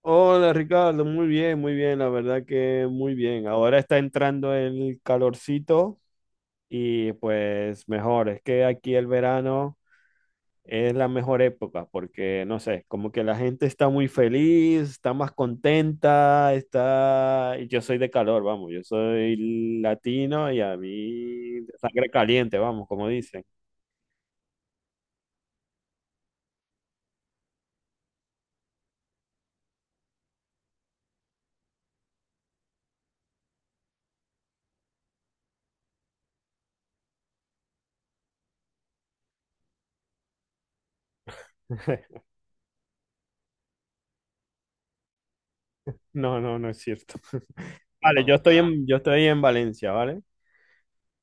Hola Ricardo, muy bien, la verdad que muy bien. Ahora está entrando el calorcito y pues mejor, es que aquí el verano es la mejor época porque no sé, como que la gente está muy feliz, está más contenta, y yo soy de calor, vamos, yo soy latino y a mí sangre caliente, vamos, como dicen. No, no, no es cierto. Vale, yo estoy en Valencia, ¿vale?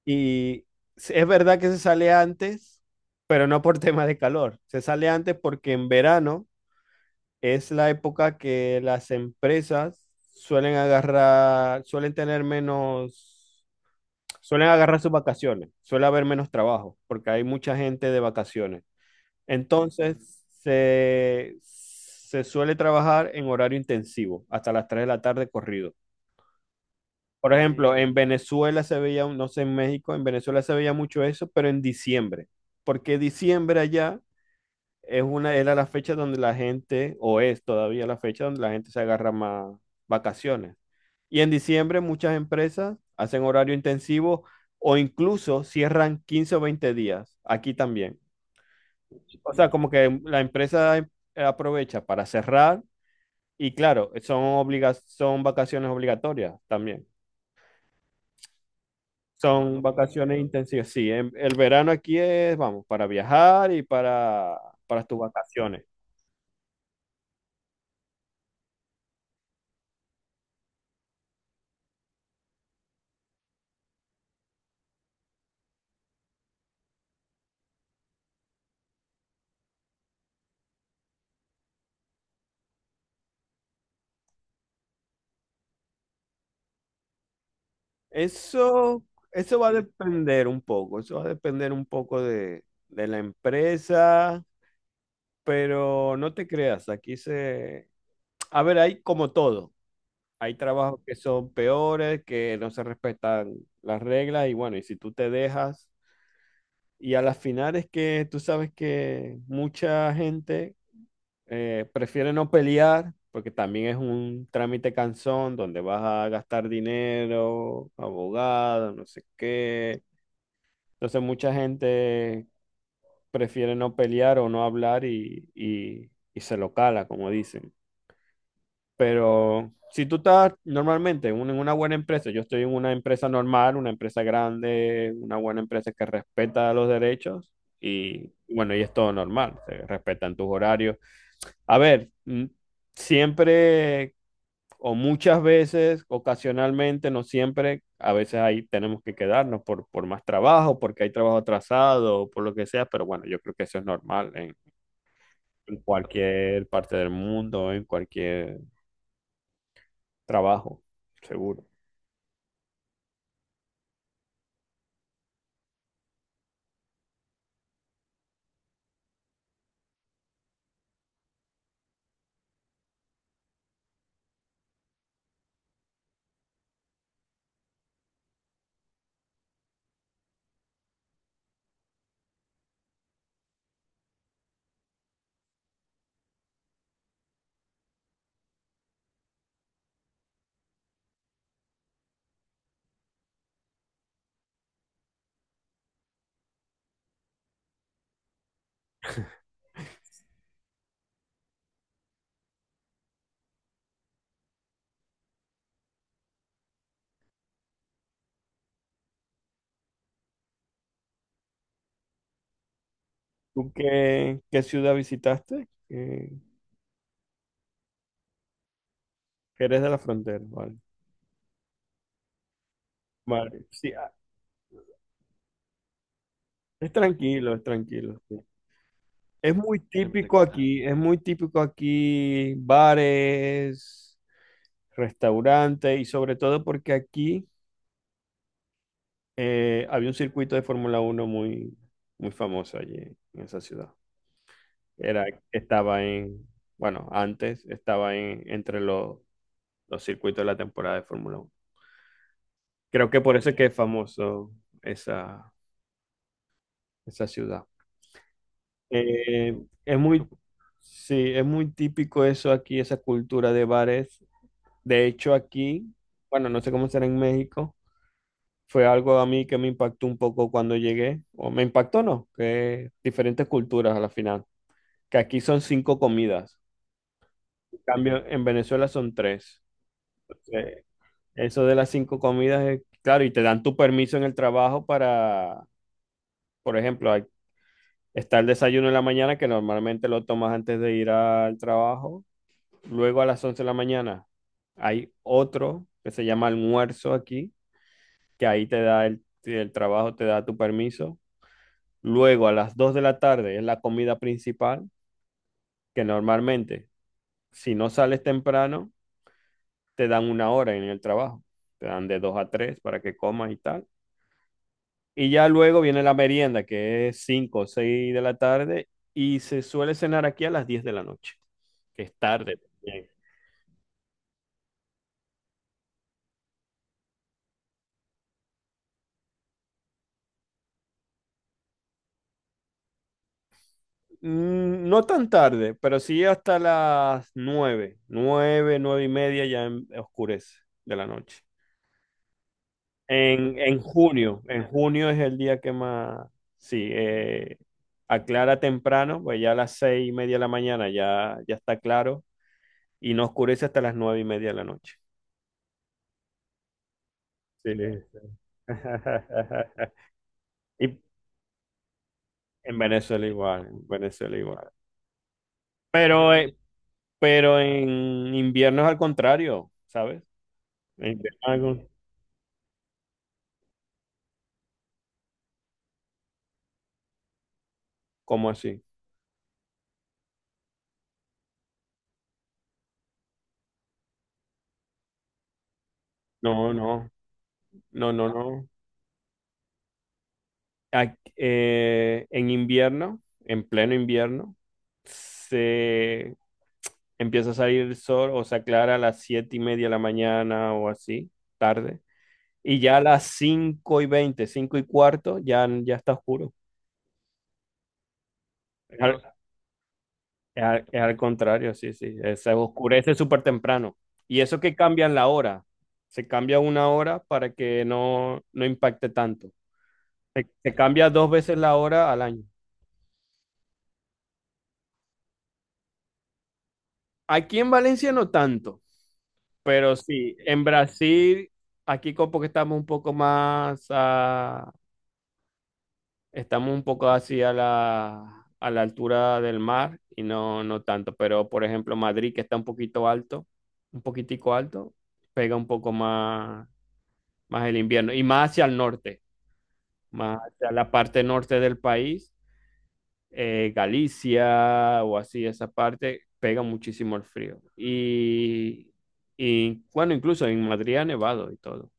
Y es verdad que se sale antes, pero no por tema de calor. Se sale antes porque en verano es la época que las empresas suelen agarrar, suelen tener menos, suelen agarrar sus vacaciones, suele haber menos trabajo porque hay mucha gente de vacaciones. Entonces, se suele trabajar en horario intensivo, hasta las 3 de la tarde corrido. Por ejemplo, en Venezuela se veía, no sé, en México, en Venezuela se veía mucho eso, pero en diciembre, porque diciembre allá es una, era la fecha donde la gente, o es todavía la fecha donde la gente se agarra más vacaciones. Y en diciembre muchas empresas hacen horario intensivo o incluso cierran 15 o 20 días, aquí también. O sea, como que la empresa aprovecha para cerrar y claro, son son vacaciones obligatorias también. Son vacaciones intensivas. Sí, el verano aquí es, vamos, para viajar y para tus vacaciones. Eso, eso va a depender un poco, eso va a depender un poco de la empresa, pero no te creas, aquí se... A ver, hay como todo, hay trabajos que son peores, que no se respetan las reglas y bueno, y si tú te dejas, y a las finales que tú sabes que mucha gente prefiere no pelear porque también es un trámite cansón donde vas a gastar dinero, abogado, no sé qué. Entonces mucha gente prefiere no pelear o no hablar y se lo cala, como dicen. Pero si tú estás normalmente en en una buena empresa, yo estoy en una empresa normal, una empresa grande, una buena empresa que respeta los derechos y bueno, y es todo normal, se respetan tus horarios. A ver, siempre o muchas veces, ocasionalmente, no siempre, a veces ahí tenemos que quedarnos por más trabajo, porque hay trabajo atrasado, o por lo que sea, pero bueno, yo creo que eso es normal en cualquier parte del mundo, en cualquier trabajo, seguro. ¿Tú qué ciudad visitaste? ¿Qué, qué eres de la frontera? Vale. Vale. Sí, ah, es tranquilo, es tranquilo. Sí. Es muy típico que aquí, es muy típico aquí bares, restaurantes y sobre todo porque aquí había un circuito de Fórmula Uno muy, muy famoso allí en esa ciudad. Era, estaba en, bueno, antes estaba en, entre los circuitos de la temporada de Fórmula Uno. Creo que por eso es que es famoso esa, esa ciudad. Eh, es muy, sí, es muy típico eso aquí, esa cultura de bares. De hecho, aquí, bueno, no sé cómo será en México, fue algo a mí que me impactó un poco cuando llegué, o me impactó no, que diferentes culturas a la final, que aquí son cinco comidas, en cambio en Venezuela son tres. Eh, Eso de las cinco comidas es claro, y te dan tu permiso en el trabajo para, por ejemplo, está el desayuno en la mañana que normalmente lo tomas antes de ir al trabajo, luego a las 11 de la mañana hay otro que se llama almuerzo aquí que ahí te da el trabajo, te da tu permiso. Luego a las 2 de la tarde es la comida principal, que normalmente si no sales temprano, te dan una hora en el trabajo. Te dan de 2 a 3 para que comas y tal. Y ya luego viene la merienda, que es 5 o 6 de la tarde, y se suele cenar aquí a las 10 de la noche, que es tarde también. No tan tarde, pero sí hasta las nueve y media ya oscurece de la noche. En en junio es el día que más, sí, aclara temprano, pues ya a las 6:30 de la mañana ya, ya está claro y no oscurece hasta las 9:30 de la noche. Sí. Y en Venezuela igual, en Venezuela igual. Pero, eh, pero en invierno es al contrario, ¿sabes? En invierno es algo. ¿Cómo así? No, no, no, no, no. En invierno, en pleno invierno, se empieza a salir el sol o se aclara a las 7:30 de la mañana o así, tarde. Y ya a las 5:20, 5:15, ya, ya está oscuro. Es al, es al contrario, sí, sí. Se oscurece súper temprano. Y eso que cambian la hora. Se cambia una hora para que no, no impacte tanto. Se cambia dos veces la hora al año. Aquí en Valencia no tanto. Pero sí, en Brasil, aquí como que estamos un poco más, ah, estamos un poco así a la altura del mar y no, no tanto. Pero por ejemplo, Madrid, que está un poquito alto, un poquitico alto, pega un poco más el invierno y más hacia el norte, más hacia la parte norte del país, Galicia o así, esa parte, pega muchísimo el frío. Y bueno, incluso en Madrid ha nevado y todo.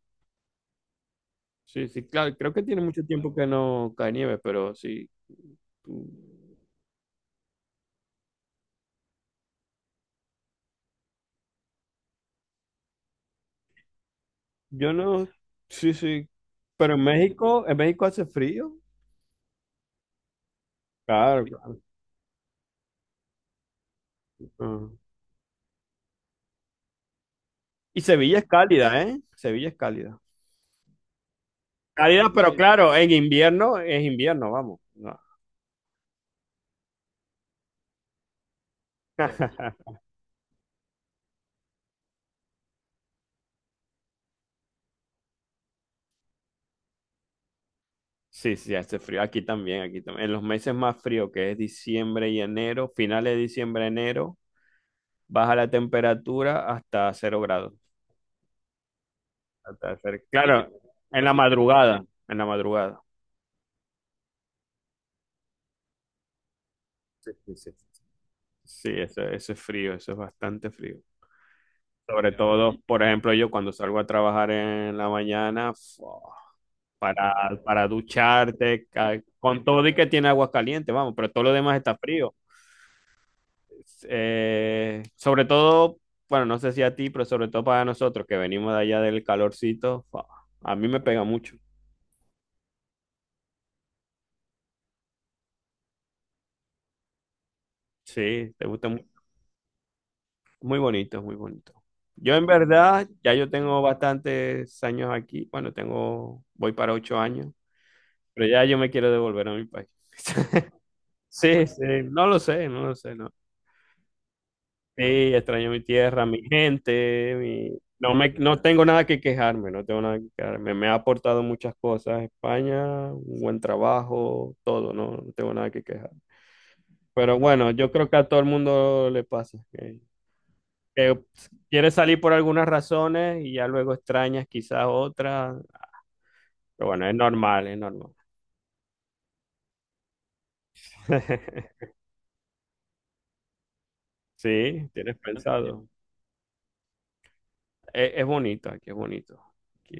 Sí, sí, claro, creo que tiene mucho tiempo que no cae nieve, pero sí. mm, Yo no, sí, sí. Pero en México hace frío. Claro, claro. Ah. Y Sevilla es cálida, ¿eh? Sevilla es cálida. Cálida, pero claro, en invierno es invierno, vamos. No. Sí, sí, hace frío. Aquí también, aquí también. En los meses más fríos, que es diciembre y enero, finales de diciembre, enero, baja la temperatura hasta 0 grados. Claro, en la madrugada, en la madrugada. Sí, sí, sí. Sí, eso es frío, eso es bastante frío. Sobre todo, por ejemplo, yo cuando salgo a trabajar en la mañana, para ducharte, con todo y que tiene agua caliente, vamos, pero todo lo demás está frío. Sobre todo, bueno, no sé si a ti, pero sobre todo para nosotros que venimos de allá del calorcito, a mí me pega mucho. Sí, te gusta mucho. Muy bonito, muy bonito. Yo en verdad, ya yo tengo bastantes años aquí. Bueno, tengo, voy para 8 años, pero ya yo me quiero devolver a mi país. Sí, sí, no lo sé, no lo sé, no. Sí, extraño mi tierra, mi gente, mi... No me, no tengo nada que quejarme, no tengo nada que quejarme. Me ha aportado muchas cosas España, un buen trabajo, todo, no, no tengo nada que quejar. Pero bueno, yo creo que a todo el mundo le pasa, que quieres salir por algunas razones y ya luego extrañas quizás otras. Pero bueno, es normal, es normal. Sí, tienes pensado. Es bonito. Aquí,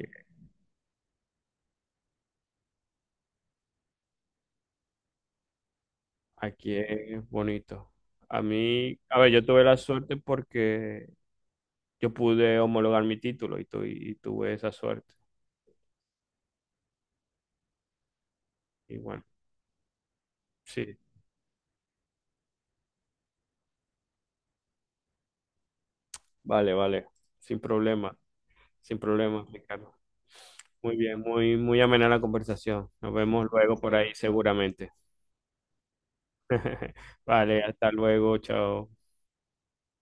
aquí es bonito. A mí, a ver, yo tuve la suerte porque yo pude homologar mi título y, y tuve esa suerte. Y bueno, sí, vale, vale, sin problema, sin problema, Ricardo. Muy bien, muy, muy amena la conversación. Nos vemos luego por ahí seguramente. Vale, hasta luego, chao.